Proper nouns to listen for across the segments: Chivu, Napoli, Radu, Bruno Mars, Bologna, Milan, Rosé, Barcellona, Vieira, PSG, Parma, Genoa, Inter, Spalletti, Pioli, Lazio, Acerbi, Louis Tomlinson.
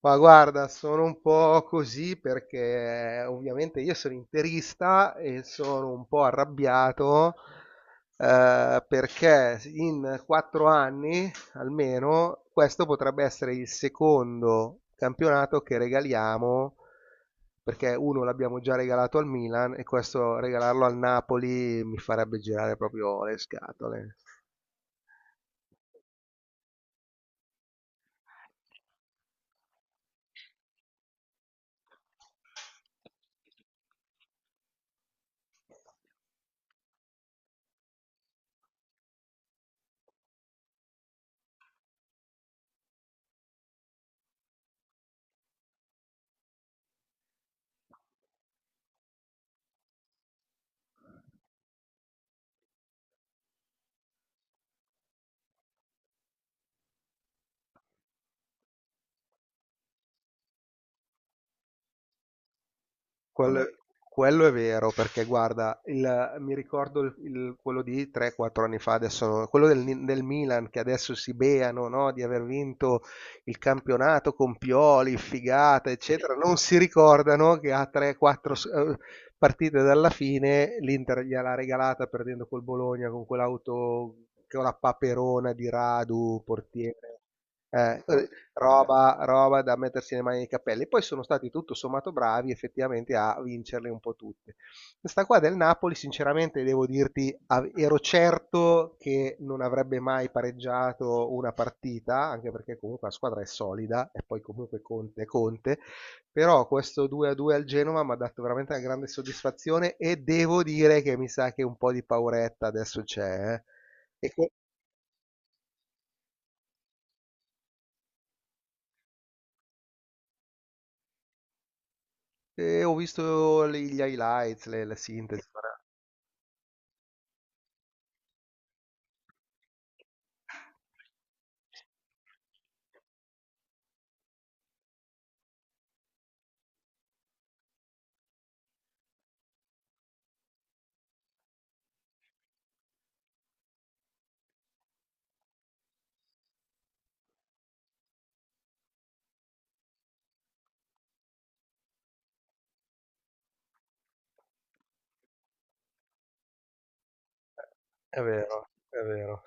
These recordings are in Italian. Ma guarda, sono un po' così perché ovviamente io sono interista e sono un po' arrabbiato, perché in 4 anni almeno questo potrebbe essere il secondo campionato che regaliamo, perché uno l'abbiamo già regalato al Milan e questo regalarlo al Napoli mi farebbe girare proprio le scatole. Vabbè, quello è vero, perché guarda, mi ricordo quello di 3-4 anni fa, adesso, quello del, del Milan, che adesso si beano, no, di aver vinto il campionato con Pioli, figata, eccetera. Non si ricordano che ha 3-4 partite dalla fine l'Inter gliel'ha regalata perdendo col Bologna con quell'auto, con la paperona di Radu, portiere. Roba da mettersi le mani nei capelli. Poi sono stati tutto sommato bravi effettivamente a vincerle un po' tutte. Questa qua del Napoli, sinceramente, devo dirti, ero certo che non avrebbe mai pareggiato una partita, anche perché comunque la squadra è solida e poi comunque Conte è Conte, però questo 2-2 al Genova mi ha dato veramente una grande soddisfazione e devo dire che mi sa che un po' di pauretta adesso c'è, eh. E, co- e ho visto gli highlights, le sintesi. È vero, è vero.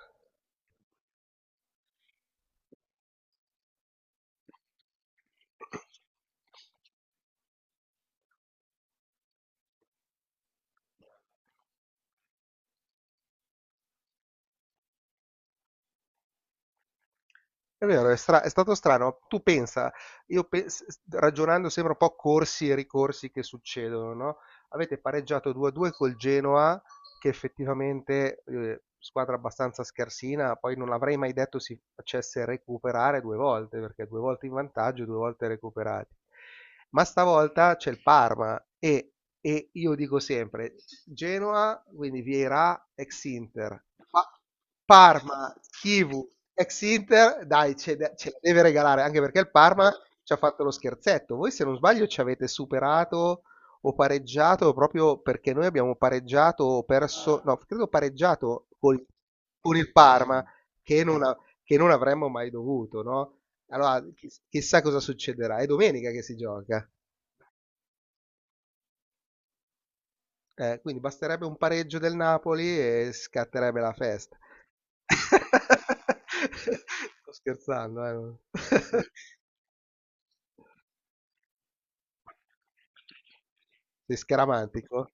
È vero, è stato strano. Tu pensa, io pe- s- s- ragionando sembra un po' corsi e ricorsi che succedono, no? Avete pareggiato 2-2 col Genoa, che effettivamente squadra abbastanza scarsina, poi non l'avrei mai detto si facesse recuperare due volte, perché due volte in vantaggio, due volte recuperati. Ma stavolta c'è il Parma e io dico sempre: Genoa, quindi Vieira, ex Inter, Pa- Parma, Chivu, ex Inter, dai, ce la deve regalare, anche perché il Parma ci ha fatto lo scherzetto. Voi se non sbaglio ci avete superato, ho pareggiato proprio perché noi abbiamo pareggiato o perso, no, credo pareggiato con il Parma, che non, a- che non avremmo mai dovuto, no? Allora, chissà cosa succederà. È domenica che si gioca. Quindi basterebbe un pareggio del Napoli e scatterebbe la festa. Sto scherzando, eh? Sei scaramantico?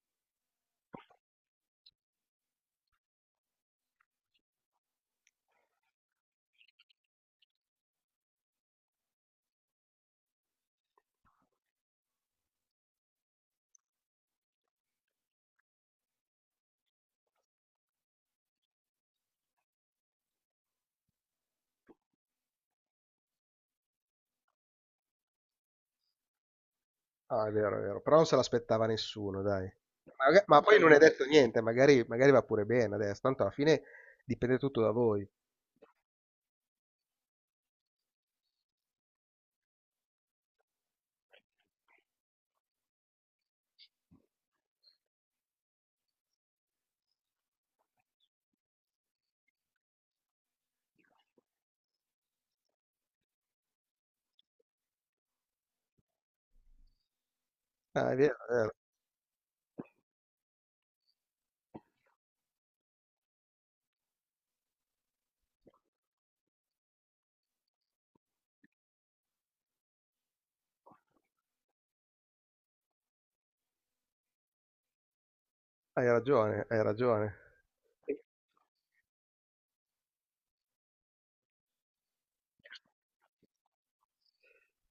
Ah, è vero, però non se l'aspettava nessuno, dai. Ma, poi non è detto niente, magari, magari va pure bene adesso, tanto alla fine dipende tutto da voi. Ah, è vero, è vero. Hai ragione, hai ragione.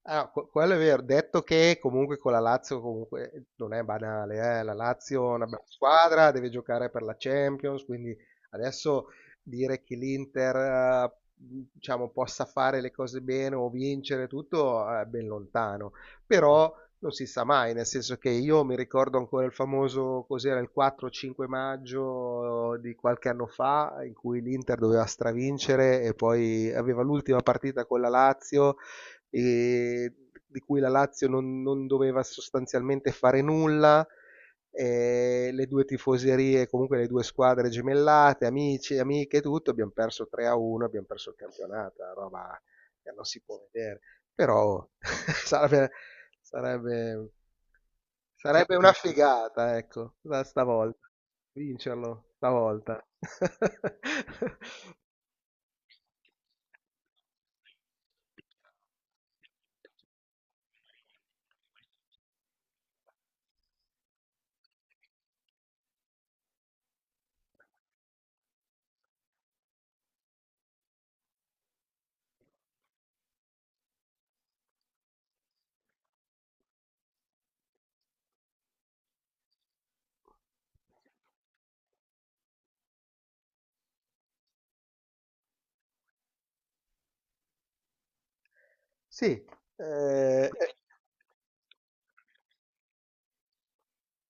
Ah, quello è vero. Detto che comunque con la Lazio comunque non è banale, eh. La Lazio è una bella squadra, deve giocare per la Champions, quindi adesso dire che l'Inter, diciamo, possa fare le cose bene o vincere tutto, è ben lontano. Però non si sa mai, nel senso che io mi ricordo ancora il famoso, cos'era, il 4-5 maggio di qualche anno fa, in cui l'Inter doveva stravincere e poi aveva l'ultima partita con la Lazio, e di cui la Lazio non doveva sostanzialmente fare nulla, e le due tifoserie, comunque le due squadre gemellate, amici, amiche, e tutto, abbiamo perso 3-1, abbiamo perso il campionato, roba che non si può vedere. Però sarebbe, sarebbe, sarebbe una figata, ecco, da stavolta. Vincerlo stavolta. Sì. eh, eh,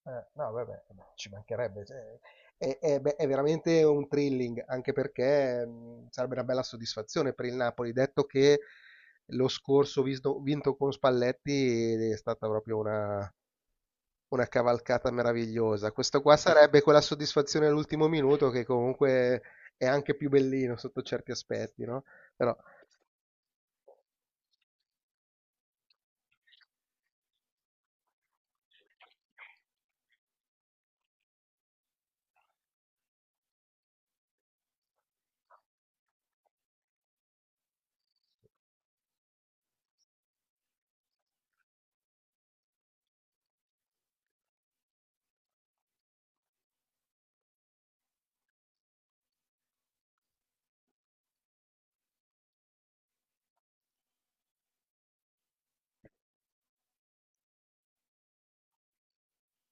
No, vabbè, ci mancherebbe. Cioè, è veramente un thrilling, anche perché sarebbe una bella soddisfazione per il Napoli, detto che lo scorso vinto con Spalletti è stata proprio una cavalcata meravigliosa. Questo qua sarebbe quella soddisfazione all'ultimo minuto che comunque è anche più bellino sotto certi aspetti, no? Però.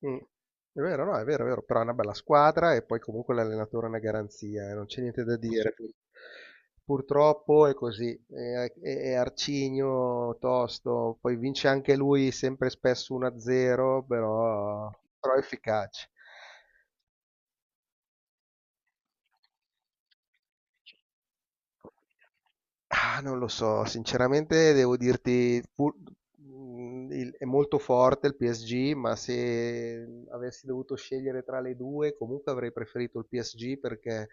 Mm. È vero, no, è vero, però è una bella squadra e poi comunque l'allenatore è una garanzia, non c'è niente da dire. Purtroppo è così, è arcigno, tosto, poi vince anche lui sempre e spesso 1-0, però è efficace. Ah, non lo so, sinceramente devo dirti, è molto forte il PSG, ma se avessi dovuto scegliere tra le due, comunque avrei preferito il PSG perché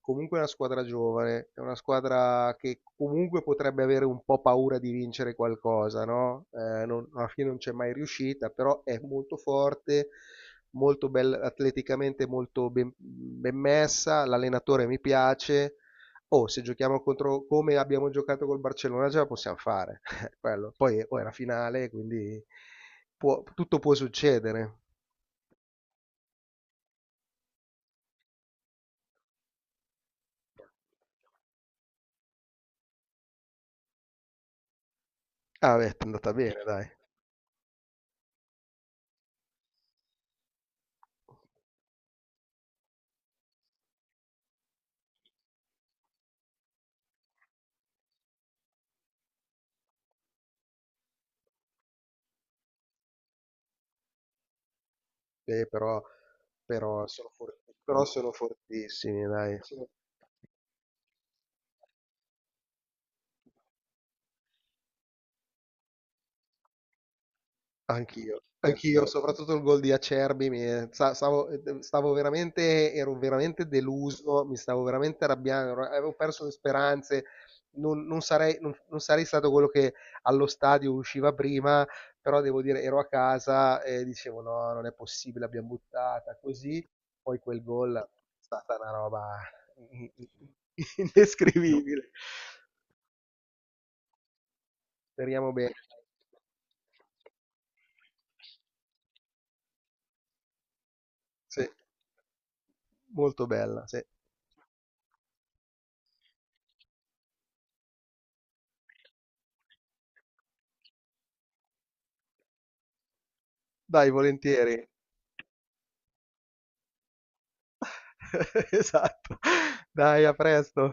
comunque è una squadra giovane, è una squadra che comunque potrebbe avere un po' paura di vincere qualcosa, no? Alla fine non c'è mai riuscita, però è molto forte, molto bella, atleticamente molto ben messa, l'allenatore mi piace. Oh, se giochiamo contro come abbiamo giocato col Barcellona ce la possiamo fare. Quello. Poi oh, è la finale, quindi tutto può succedere. Ah, beh, è andata bene, dai. Però, però sono for- però sono fortissimi, dai. Anch'io, anch'io, soprattutto il gol di Acerbi, stavo veramente, ero veramente deluso, mi stavo veramente arrabbiando, avevo perso le speranze, non sarei stato quello che allo stadio usciva prima, però devo dire, ero a casa e dicevo no, non è possibile, l'abbiamo buttata così, poi quel gol è stata una roba in- in- in- indescrivibile. Speriamo bene. Sì. Molto bella, sì. Dai, volentieri. Esatto. Dai, a presto.